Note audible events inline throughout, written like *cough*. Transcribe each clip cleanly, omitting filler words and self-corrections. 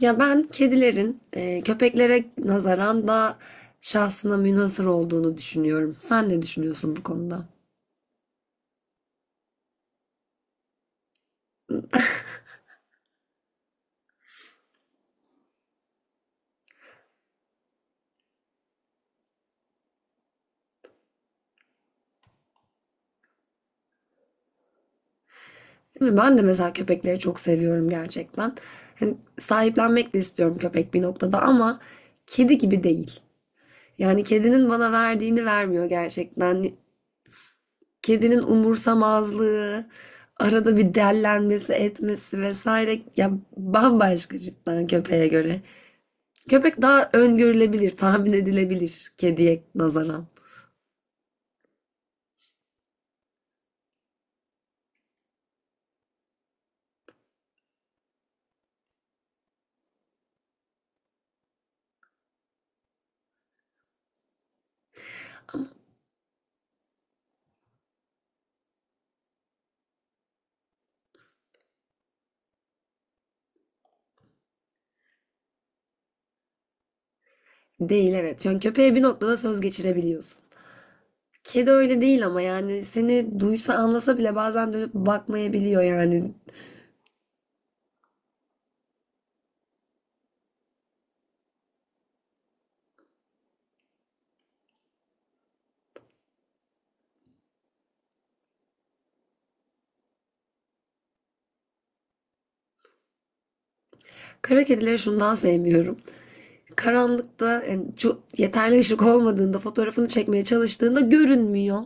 Ya ben kedilerin köpeklere nazaran daha şahsına münhasır olduğunu düşünüyorum. Sen ne düşünüyorsun bu konuda? Değil mi? Ben de mesela köpekleri çok seviyorum gerçekten. Hani sahiplenmek de istiyorum köpek bir noktada ama kedi gibi değil. Yani kedinin bana verdiğini vermiyor gerçekten. Kedinin umursamazlığı, arada bir dellenmesi, etmesi vesaire ya bambaşka cidden köpeğe göre. Köpek daha öngörülebilir, tahmin edilebilir kediye nazaran. Değil, evet. Çünkü köpeğe bir noktada söz geçirebiliyorsun. Kedi öyle değil ama yani seni duysa anlasa bile bazen dönüp bakmayabiliyor yani. Kara kedileri şundan sevmiyorum. Karanlıkta yani şu yeterli ışık olmadığında fotoğrafını çekmeye çalıştığında görünmüyor.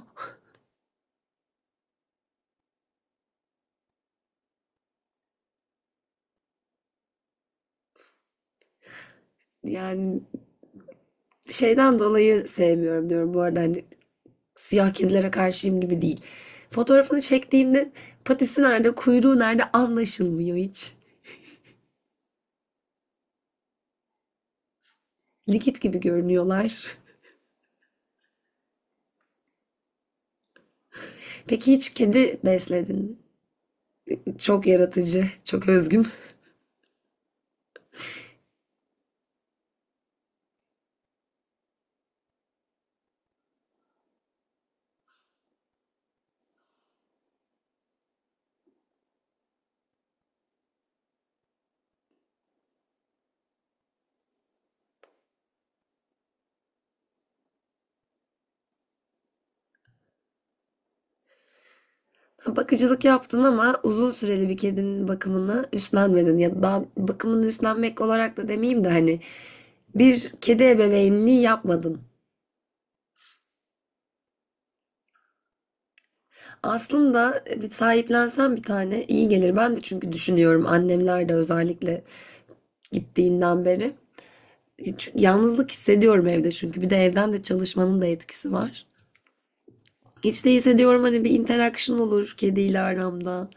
Yani şeyden dolayı sevmiyorum diyorum bu arada, hani siyah kedilere karşıyım gibi değil. Fotoğrafını çektiğimde patisi nerede, kuyruğu nerede anlaşılmıyor hiç. Likit gibi görünüyorlar. Peki hiç kedi besledin mi? Çok yaratıcı, çok özgün. Bakıcılık yaptın ama uzun süreli bir kedinin bakımını üstlenmedin. Ya da bakımını üstlenmek olarak da demeyeyim de hani bir kedi ebeveynliği yapmadın. Aslında bir sahiplensen bir tane iyi gelir. Ben de çünkü düşünüyorum, annemler de özellikle gittiğinden beri. Çünkü yalnızlık hissediyorum evde, çünkü bir de evden de çalışmanın da etkisi var. Hiç değilse diyorum hani bir interaction olur kediyle aramda.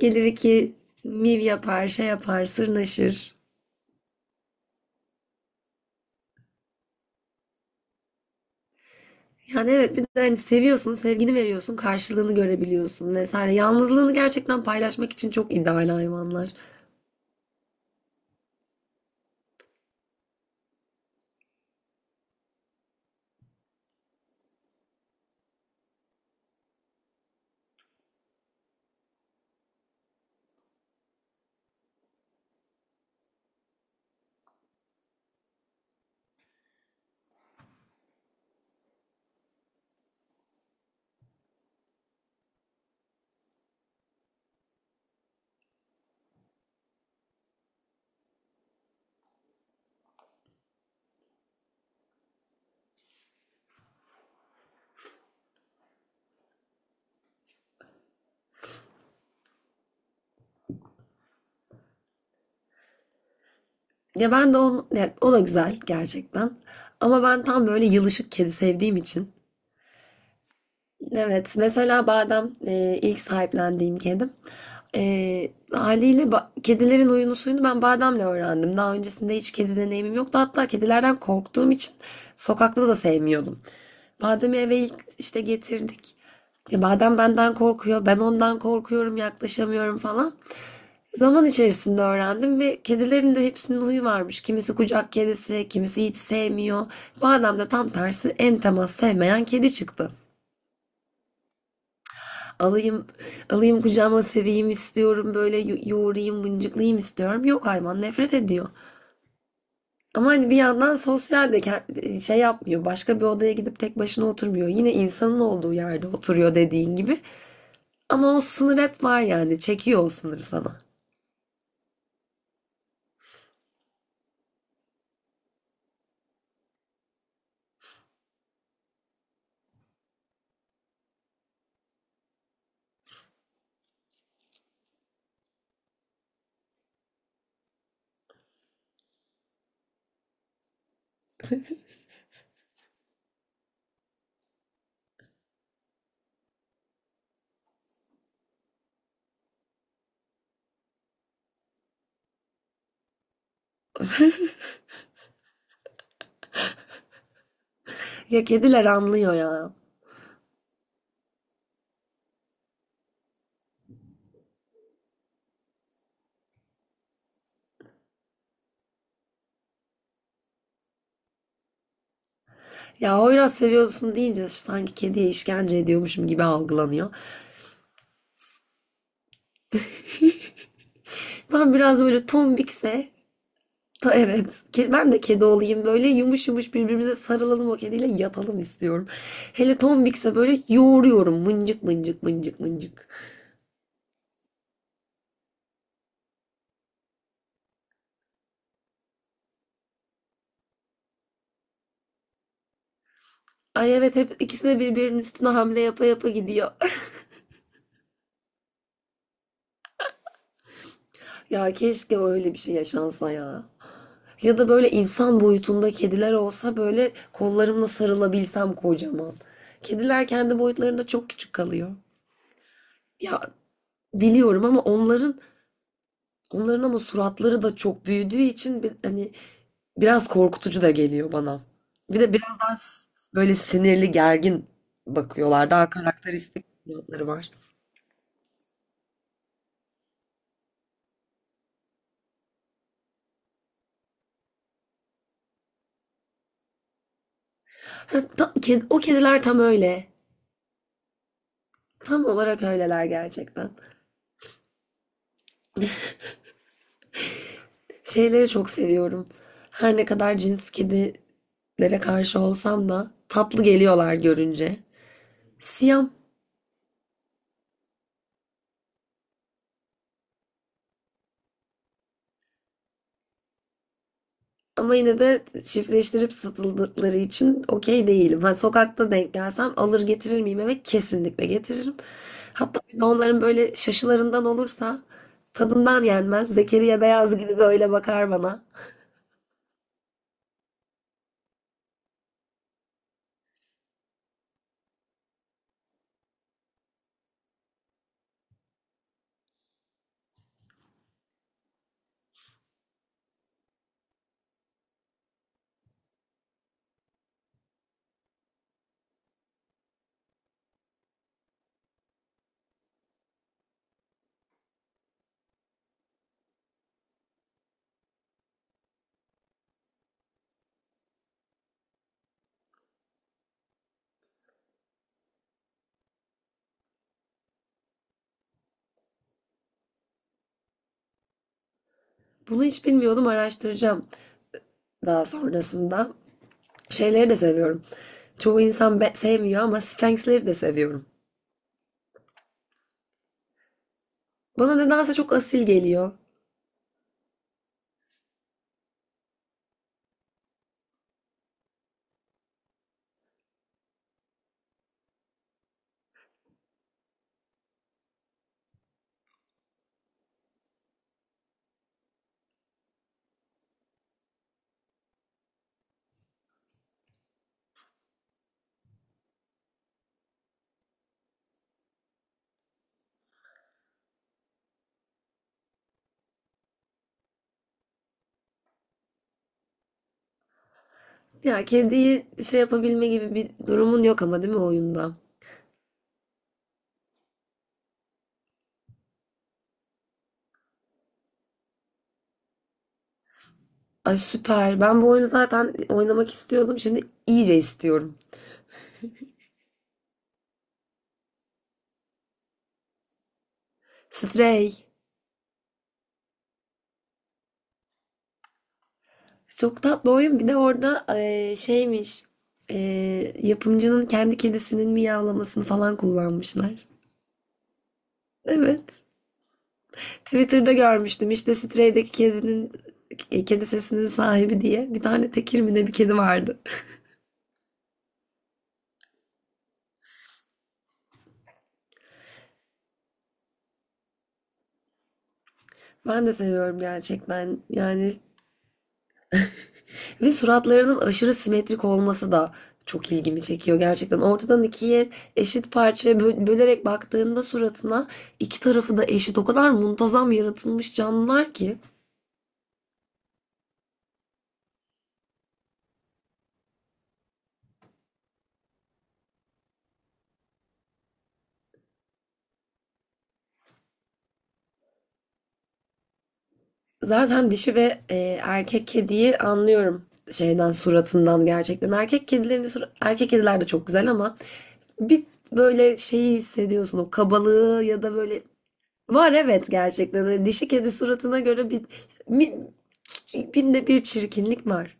Gelir iki miv yapar, şey yapar, sırnaşır. Yani evet, bir de hani seviyorsun, sevgini veriyorsun, karşılığını görebiliyorsun vesaire. Yalnızlığını gerçekten paylaşmak için çok ideal hayvanlar. Ya ben de ya o da güzel gerçekten. Ama ben tam böyle yılışık kedi sevdiğim için. Evet, mesela Badem ilk sahiplendiğim kedim. E, Haliyle ba- kedilerin huyunu suyunu ben Badem'le öğrendim. Daha öncesinde hiç kedi deneyimim yoktu. Hatta kedilerden korktuğum için sokakta da sevmiyordum. Badem'i eve ilk işte getirdik. Ya Badem benden korkuyor, ben ondan korkuyorum, yaklaşamıyorum falan. Zaman içerisinde öğrendim ve kedilerin de hepsinin huyu varmış. Kimisi kucak kedisi, kimisi hiç sevmiyor. Badem de tam tersi en temas sevmeyen kedi çıktı. Alayım, alayım kucağıma seveyim istiyorum, böyle yoğurayım mıncıklayayım istiyorum. Yok, hayvan nefret ediyor. Ama hani bir yandan sosyal de şey yapmıyor. Başka bir odaya gidip tek başına oturmuyor. Yine insanın olduğu yerde oturuyor, dediğin gibi. Ama o sınır hep var yani. Çekiyor o sınırı sana. Ya kediler anlıyor ya. Ya oyraz seviyorsun deyince sanki kediye işkence ediyormuşum gibi algılanıyor. Ben biraz böyle tombikse. Evet. Ben de kedi olayım, böyle yumuş yumuş birbirimize sarılalım, o kediyle yatalım istiyorum. Hele tombikse böyle yoğuruyorum, mıncık mıncık mıncık mıncık. Ay evet, hep ikisine birbirinin üstüne hamle yapa yapa gidiyor. *laughs* Ya keşke öyle bir şey yaşansa ya. Ya da böyle insan boyutunda kediler olsa, böyle kollarımla sarılabilsem kocaman. Kediler kendi boyutlarında çok küçük kalıyor. Ya biliyorum, ama onların ama suratları da çok büyüdüğü için bir, hani biraz korkutucu da geliyor bana. Bir de biraz daha böyle sinirli, gergin bakıyorlar. Daha karakteristik yanları var. Ha, o kediler tam öyle. Tam olarak öyleler gerçekten. Şeyleri çok seviyorum. Her ne kadar cins kedilere karşı olsam da tatlı geliyorlar görünce. Siyam. Ama yine de çiftleştirip satıldıkları için okey değilim. Ha, sokakta denk gelsem alır getirir miyim eve? Kesinlikle getiririm. Hatta bir de onların böyle şaşılarından olursa tadından yenmez. Zekeriya Beyaz gibi böyle bakar bana. Bunu hiç bilmiyordum, araştıracağım daha sonrasında. Şeyleri de seviyorum. Çoğu insan sevmiyor, ama Sphinx'leri de seviyorum. Bana nedense çok asil geliyor. Ya kediyi şey yapabilme gibi bir durumun yok ama, değil mi, oyunda? Ay süper. Ben bu oyunu zaten oynamak istiyordum. Şimdi iyice istiyorum. Stray. Çok tatlı oyun. Bir de orada şeymiş. Yapımcının kendi kedisinin miyavlamasını falan kullanmışlar. Evet. Twitter'da görmüştüm. İşte Stray'deki kedinin kedi sesinin sahibi diye bir tane tekir mi ne bir kedi vardı. Ben de seviyorum gerçekten. Yani, ve suratlarının aşırı simetrik olması da çok ilgimi çekiyor gerçekten. Ortadan ikiye eşit parçaya bölerek baktığında suratına, iki tarafı da eşit. O kadar muntazam yaratılmış canlılar ki. Zaten dişi ve erkek kediyi anlıyorum şeyden, suratından gerçekten. Erkek kedilerin erkek kediler de çok güzel ama bir böyle şeyi hissediyorsun, o kabalığı ya da böyle. Var, evet, gerçekten. Hani dişi kedi suratına göre bir binde bir çirkinlik var.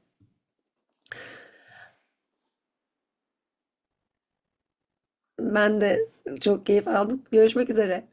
Ben de çok keyif aldım. Görüşmek üzere.